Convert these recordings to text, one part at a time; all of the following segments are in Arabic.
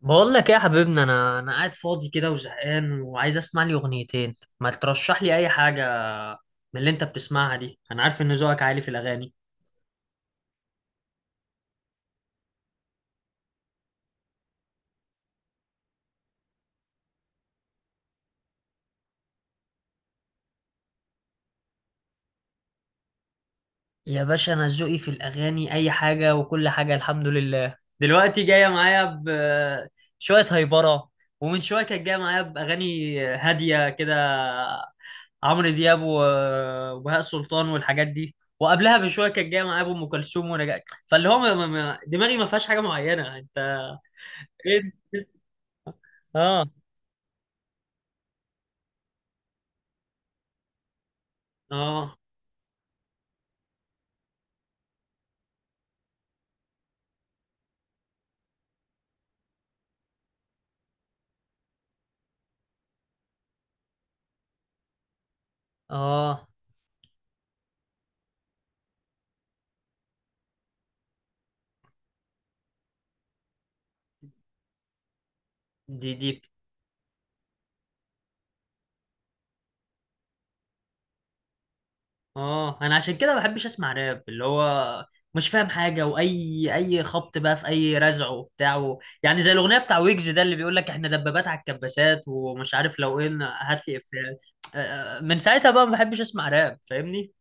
بقول لك ايه يا حبيبنا؟ انا قاعد فاضي كده وزهقان وعايز اسمع لي اغنيتين، ما ترشح لي اي حاجه من اللي انت بتسمعها دي. انا عارف ان ذوقك عالي في الاغاني. يا باشا، انا ذوقي في الاغاني اي حاجه وكل حاجه، الحمد لله. دلوقتي جايه معايا بشويه هايبره، ومن شويه كانت جايه معايا باغاني هاديه كده، عمرو دياب وبهاء سلطان والحاجات دي. وقبلها بشويه كانت جايه معايا بام كلثوم ونجاة. فاللي هو دماغي ما فيهاش حاجه معينه، انت. إيه؟ اه. اه. اه. دي. اه، انا عشان كده ما بحبش اسمع راب، اللي هو مش فاهم حاجه، واي خبط بقى في اي رزع وبتاع يعني زي الاغنيه بتاع ويجز ده اللي بيقول لك احنا دبابات على الكباسات ومش عارف لو ايه. هات لي افيهات. من ساعتها بقى ما بحبش اسمع راب، فاهمني.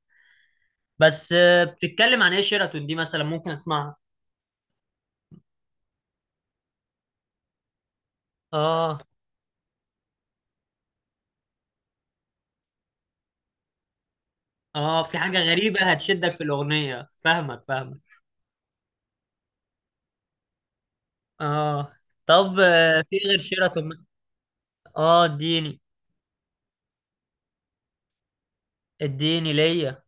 بس، بتتكلم عن ايه شيراتون دي؟ مثلا ممكن اسمعها. اه. اه، في حاجه غريبه هتشدك في الاغنيه، فاهمك فاهمك. اه. طب، في غير شيراتون؟ اه، اديني. اديني ليا.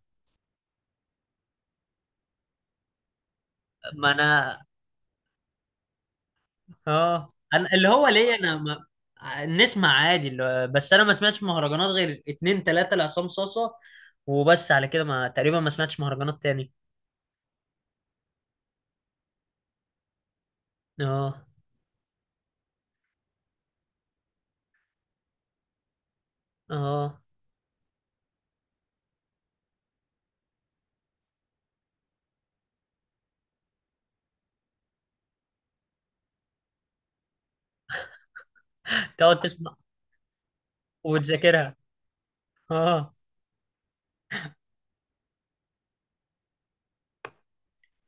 ما انا. اه، انا اللي هو ليا، انا ما... نسمع عادي بس انا ما سمعتش مهرجانات غير اتنين تلاتة لعصام صاصة. وبس على كده، ما تقريبا ما سمعتش مهرجانات تاني. اه. اه. تقعد تسمع وتذاكرها. اه.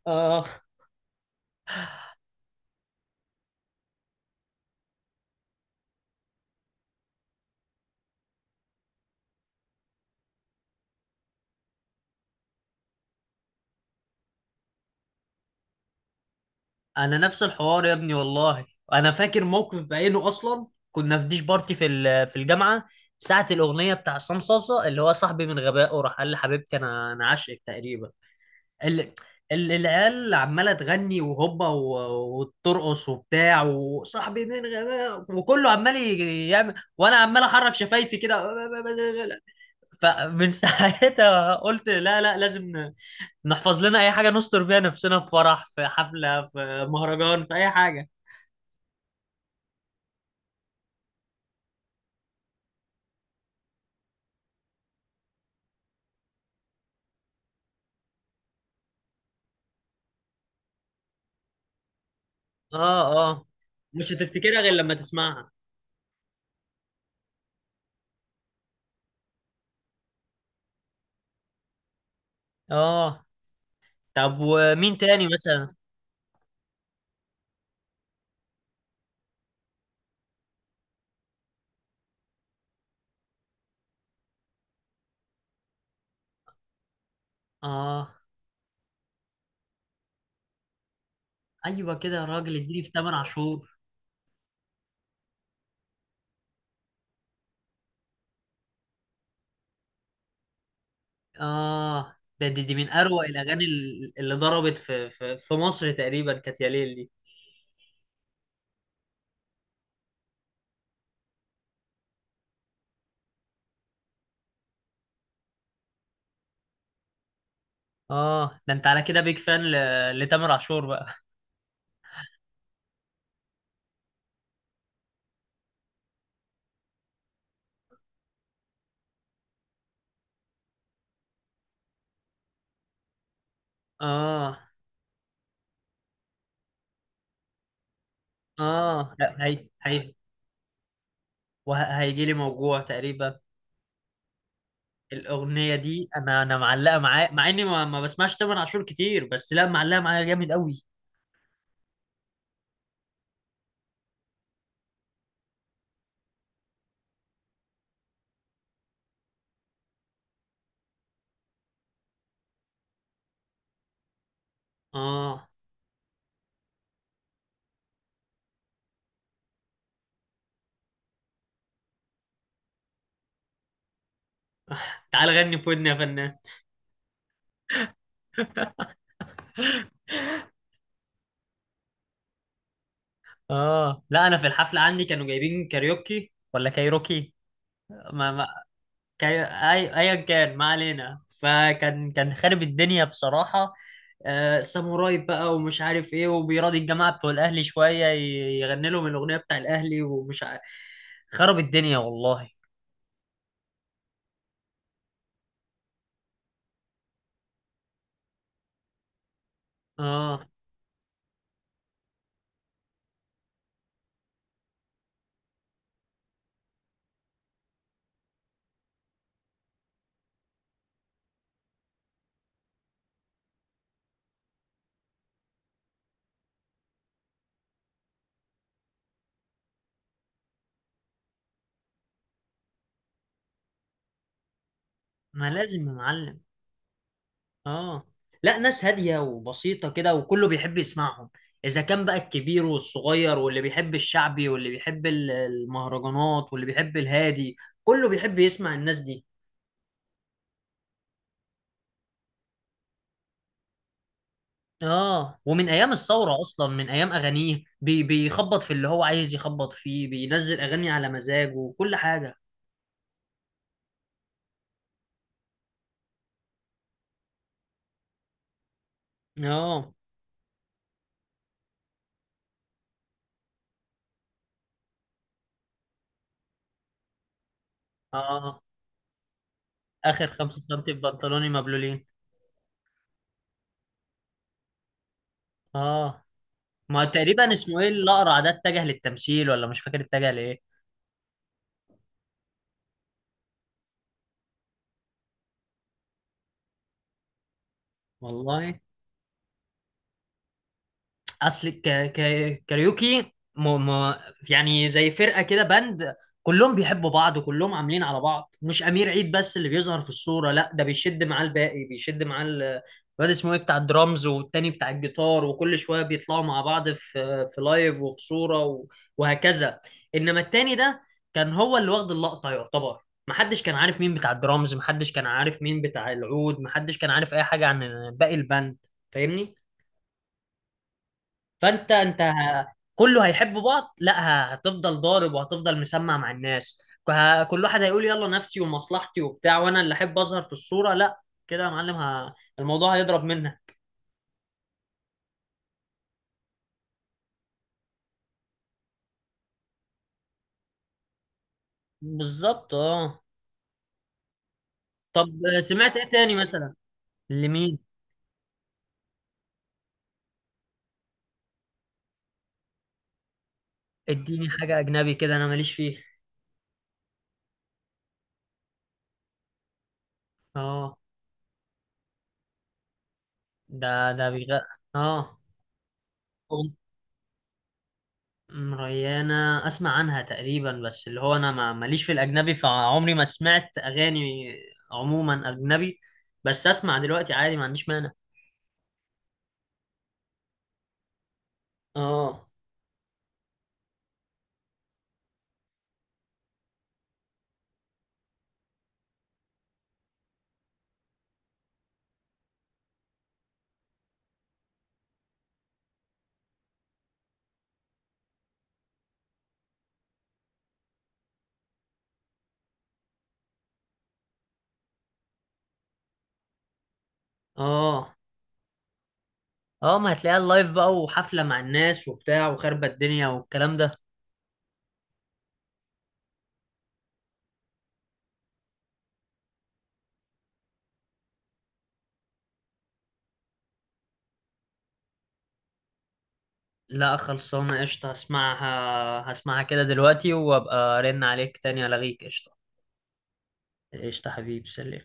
اه، انا نفس الحوار يا ابني والله. انا فاكر موقف بعينه اصلا، كنا في ديش بارتي في الجامعه. ساعه الاغنيه بتاع عصام صاصه، اللي هو صاحبي من غبائه راح قال لحبيبتي انا عاشقك تقريبا. ال... العيال عماله تغني وهوبا وترقص وبتاع، وصاحبي من غباء وكله عمال يعمل، وانا عمال احرك شفايفي كده. فمن ساعتها قلت لا لا، لازم نحفظ لنا اي حاجه نستر بيها نفسنا في فرح، في حفله، في مهرجان، في اي حاجه. اه. اه، مش هتفتكرها غير لما تسمعها. اه. طب، ومين تاني مثلا؟ اه. ايوه كده يا راجل، اديني في 8 عاشور. اه. دي من اروع الاغاني اللي ضربت في مصر تقريبا، كانت يا ليل دي. اه، ده انت على كده بيج فان لتامر عاشور بقى. اه. اه. لا، هي وهيجي لي موجوع تقريبا. الاغنيه دي انا معلقه معايا، مع اني ما بسمعش تامر عاشور كتير، بس لا، معلقه معايا جامد قوي. اه، تعال غني في ودني يا فنان. اه، لا، انا في الحفله عندي كانوا جايبين كاريوكي ولا كايروكي. ما كان ايا كان، ما علينا، فكان كان خارب الدنيا بصراحة. ساموراي بقى ومش عارف ايه، وبيراضي الجماعة بتوع الاهلي شوية، يغني لهم الاغنية بتاع الاهلي ومش عارف. خرب الدنيا والله. اه، ما لازم يا معلم. اه، لا، ناس هادية وبسيطة كده، وكله بيحب يسمعهم. اذا كان بقى الكبير والصغير، واللي بيحب الشعبي، واللي بيحب المهرجانات، واللي بيحب الهادي، كله بيحب يسمع الناس دي. اه، ومن ايام الثوره اصلا، من ايام اغانيه بيخبط في اللي هو عايز يخبط فيه، بينزل اغاني على مزاجه وكل حاجه. اه. اه، اخر خمسة سم في بنطلوني مبلولين. اه. ما تقريبا اسمه ايه الاقرع ده؟ اتجه للتمثيل ولا مش فاكر اتجه لايه. والله، اصل كاريوكي يعني زي فرقه كده، باند، كلهم بيحبوا بعض وكلهم عاملين على بعض، مش امير عيد بس اللي بيظهر في الصوره. لا، ده بيشد معاه الباقي، بيشد معاه الواد اسمه ايه بتاع الدرامز، والتاني بتاع الجيتار، وكل شويه بيطلعوا مع بعض في لايف وفي صوره وهكذا. انما التاني ده كان هو اللي واخد اللقطه يعتبر، محدش كان عارف مين بتاع الدرامز، محدش كان عارف مين بتاع العود، محدش كان عارف اي حاجه عن باقي الباند. فاهمني. فانت كله هيحب بعض؟ لا، هتفضل ضارب وهتفضل مسمع مع الناس. كل واحد هيقول يلا نفسي ومصلحتي وبتاع، وانا اللي احب اظهر في الصورة. لا، كده يا معلم الموضوع هيضرب منك. بالظبط، اه. طب، سمعت ايه تاني مثلا؟ لمين؟ اديني حاجة اجنبي كده، انا ماليش فيه. اه. ده ده بيغ. اه. ريانة أسمع عنها تقريبا، بس اللي هو أنا ما ماليش في الأجنبي، فعمري ما سمعت أغاني عموما أجنبي، بس أسمع دلوقتي عادي، ما عنديش مانع. آه آه ما هتلاقيها اللايف بقى، وحفلة مع الناس وبتاع وخربة الدنيا والكلام ده. لا، خلصانة قشطة، هسمعها هسمعها كده دلوقتي، وأبقى أرن عليك تاني ألغيك. قشطة. قشطة حبيبي، سلام.